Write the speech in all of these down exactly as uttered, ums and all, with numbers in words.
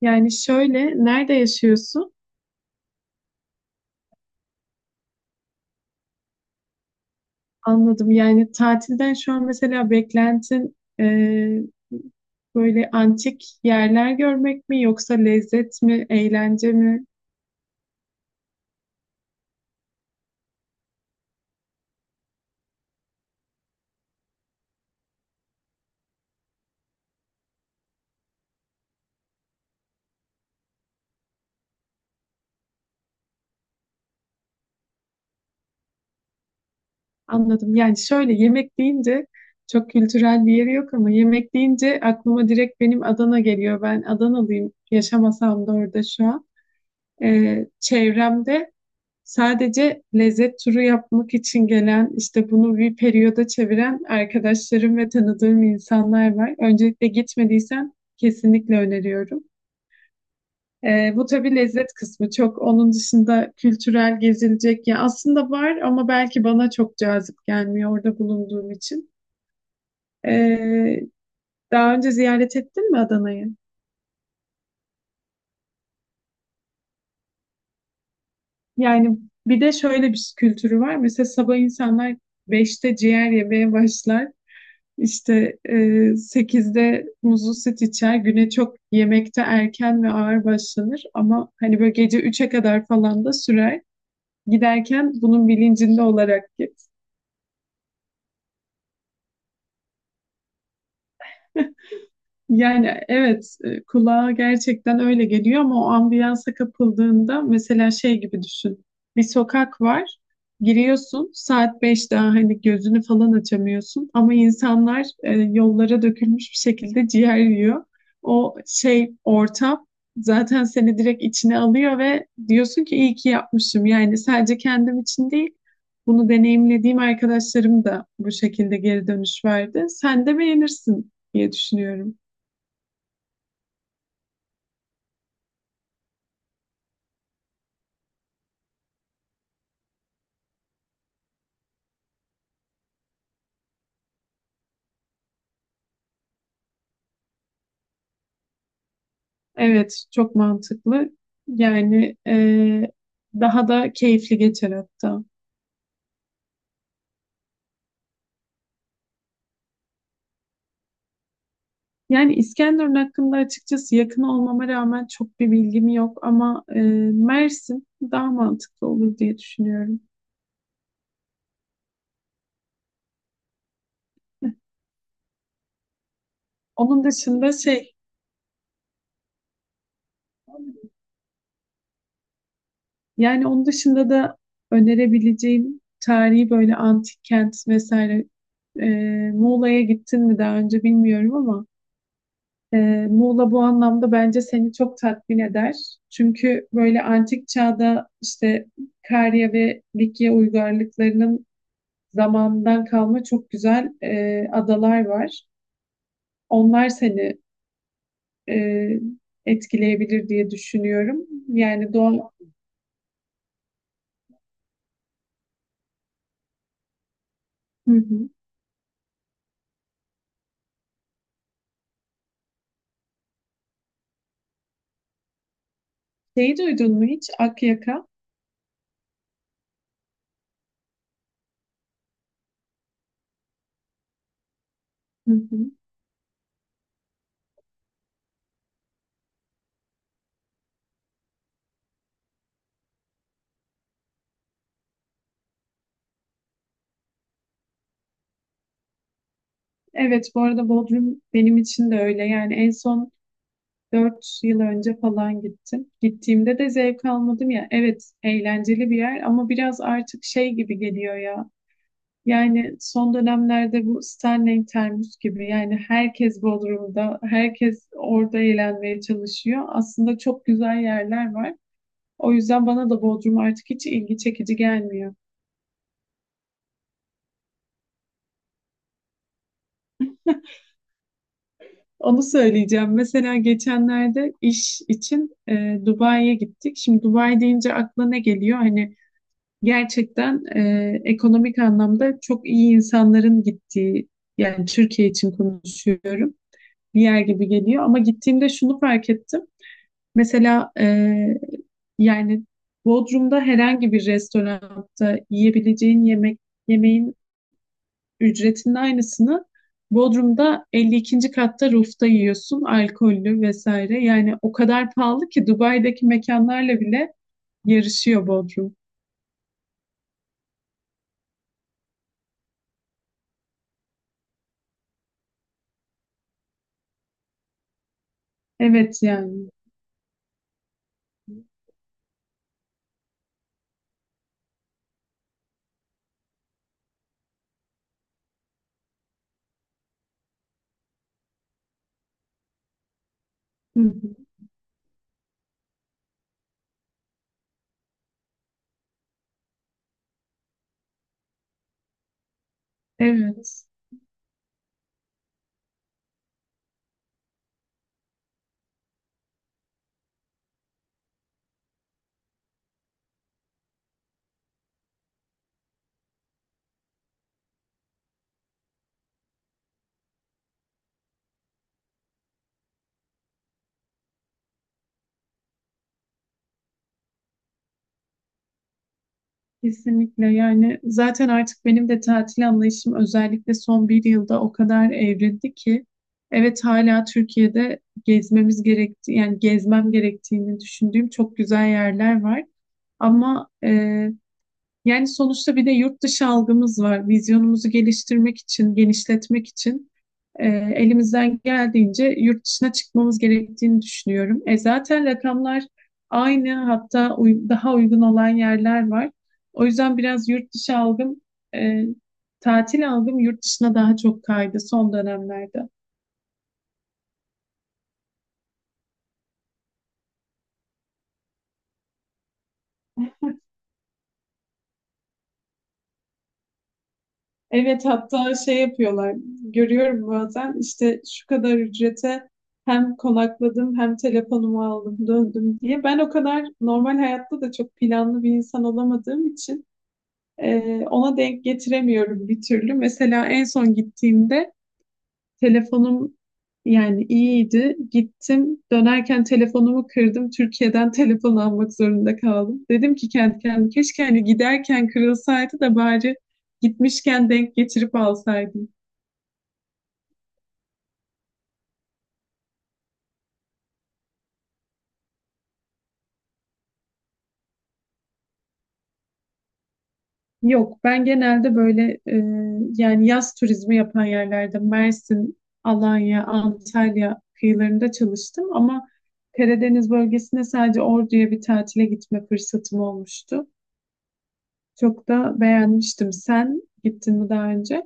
Yani şöyle, nerede yaşıyorsun? Anladım. Yani tatilden şu an mesela beklentin e, böyle antik yerler görmek mi yoksa lezzet mi, eğlence mi? Anladım. Yani şöyle yemek deyince çok kültürel bir yeri yok ama yemek deyince aklıma direkt benim Adana geliyor. Ben Adanalıyım. Yaşamasam da orada şu an. E, çevremde sadece lezzet turu yapmak için gelen, işte bunu bir periyoda çeviren arkadaşlarım ve tanıdığım insanlar var. Öncelikle gitmediysen kesinlikle öneriyorum. Ee, bu tabii lezzet kısmı çok. Onun dışında kültürel gezilecek ya aslında var ama belki bana çok cazip gelmiyor orada bulunduğum için. Ee, Daha önce ziyaret ettin mi Adana'yı? Yani bir de şöyle bir kültürü var. Mesela sabah insanlar beşte ciğer yemeye başlar. İşte e, sekizde muzlu süt içer. Güne çok yemekte erken ve ağır başlanır ama hani böyle gece üçe kadar falan da sürer. Giderken bunun bilincinde olarak git. Yani evet, e, kulağa gerçekten öyle geliyor ama o ambiyansa kapıldığında mesela şey gibi düşün. Bir sokak var. Giriyorsun saat beş, daha hani gözünü falan açamıyorsun ama insanlar e, yollara dökülmüş bir şekilde ciğer yiyor. O şey ortam zaten seni direkt içine alıyor ve diyorsun ki iyi ki yapmışım. Yani sadece kendim için değil, bunu deneyimlediğim arkadaşlarım da bu şekilde geri dönüş verdi. Sen de beğenirsin diye düşünüyorum. Evet, çok mantıklı. Yani e, daha da keyifli geçer hatta. Yani İskenderun hakkında açıkçası yakın olmama rağmen çok bir bilgim yok ama e, Mersin daha mantıklı olur diye düşünüyorum. Onun dışında şey, yani onun dışında da önerebileceğim tarihi böyle antik kent vesaire, e, Muğla'ya gittin mi daha önce bilmiyorum ama Ee, Muğla bu anlamda bence seni çok tatmin eder. Çünkü böyle antik çağda işte Karya ve Likya uygarlıklarının zamandan kalma çok güzel e, adalar var. Onlar seni e, etkileyebilir diye düşünüyorum. Yani doğal... Hı hı. Şeyi duydun mu hiç? Akyaka. Hı hı. Evet, bu arada Bodrum benim için de öyle. Yani en son dört yıl önce falan gittim. Gittiğimde de zevk almadım ya. Evet, eğlenceli bir yer ama biraz artık şey gibi geliyor ya. Yani son dönemlerde bu Stanley Termus gibi, yani herkes Bodrum'da, herkes orada eğlenmeye çalışıyor. Aslında çok güzel yerler var. O yüzden bana da Bodrum artık hiç ilgi çekici gelmiyor. Onu söyleyeceğim. Mesela geçenlerde iş için e, Dubai'ye gittik. Şimdi Dubai deyince aklına ne geliyor? Hani gerçekten e, ekonomik anlamda çok iyi insanların gittiği, yani Türkiye için konuşuyorum, bir yer gibi geliyor. Ama gittiğimde şunu fark ettim. Mesela e, yani Bodrum'da herhangi bir restoranda yiyebileceğin yemek yemeğin ücretinin aynısını Bodrum'da elli ikinci katta rooft'a yiyorsun, alkollü vesaire. Yani o kadar pahalı ki Dubai'deki mekanlarla bile yarışıyor Bodrum. Evet yani. Hı hı. Evet, kesinlikle. Yani zaten artık benim de tatil anlayışım özellikle son bir yılda o kadar evrildi ki evet, hala Türkiye'de gezmemiz gerektiği, yani gezmem gerektiğini düşündüğüm çok güzel yerler var. Ama yani sonuçta bir de yurt dışı algımız var. Vizyonumuzu geliştirmek için, genişletmek için e, elimizden geldiğince yurt dışına çıkmamız gerektiğini düşünüyorum. E, zaten rakamlar aynı, hatta uy- daha uygun olan yerler var. O yüzden biraz yurt dışı algım, e, tatil algım yurt dışına daha çok kaydı son dönemlerde. Evet hatta şey yapıyorlar, görüyorum bazen, işte şu kadar ücrete hem konakladım hem telefonumu aldım döndüm diye. Ben o kadar normal hayatta da çok planlı bir insan olamadığım için e, ona denk getiremiyorum bir türlü. Mesela en son gittiğimde telefonum yani iyiydi. Gittim, dönerken telefonumu kırdım. Türkiye'den telefon almak zorunda kaldım. Dedim ki kendi kendime, keşke hani giderken kırılsaydı da bari gitmişken denk getirip alsaydım. Yok, ben genelde böyle e, yani yaz turizmi yapan yerlerde, Mersin, Alanya, Antalya kıyılarında çalıştım ama Karadeniz bölgesine sadece Ordu'ya bir tatile gitme fırsatım olmuştu. Çok da beğenmiştim. Sen gittin mi daha önce?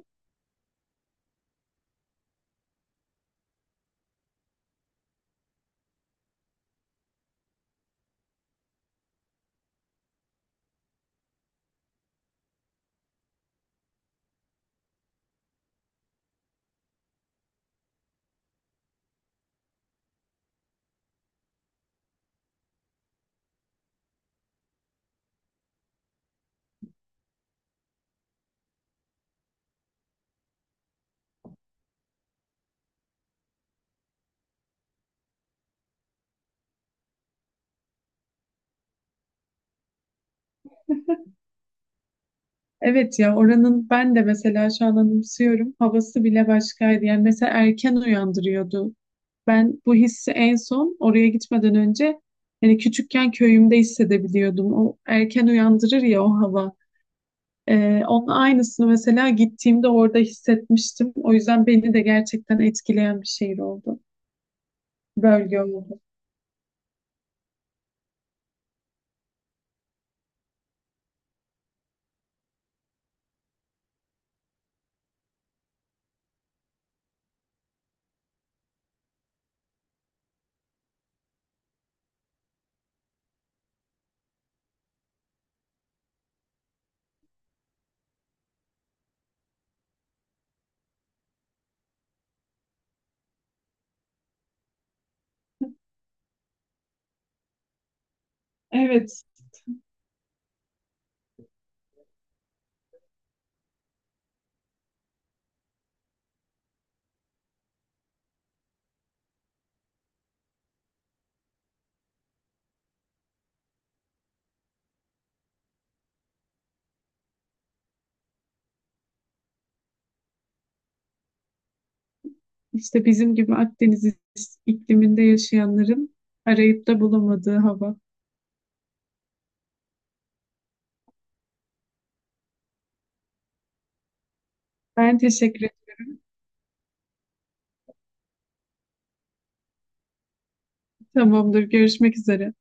Evet ya, oranın ben de mesela şu an anımsıyorum. Havası bile başkaydı. Yani mesela erken uyandırıyordu. Ben bu hissi en son oraya gitmeden önce, yani küçükken köyümde hissedebiliyordum. O erken uyandırır ya o hava. Ee, onun aynısını mesela gittiğimde orada hissetmiştim. O yüzden beni de gerçekten etkileyen bir şehir oldu. Bölge oldu. Evet, işte bizim gibi Akdeniz ikliminde yaşayanların arayıp da bulamadığı hava. Ben teşekkür ederim. Tamamdır. Görüşmek üzere.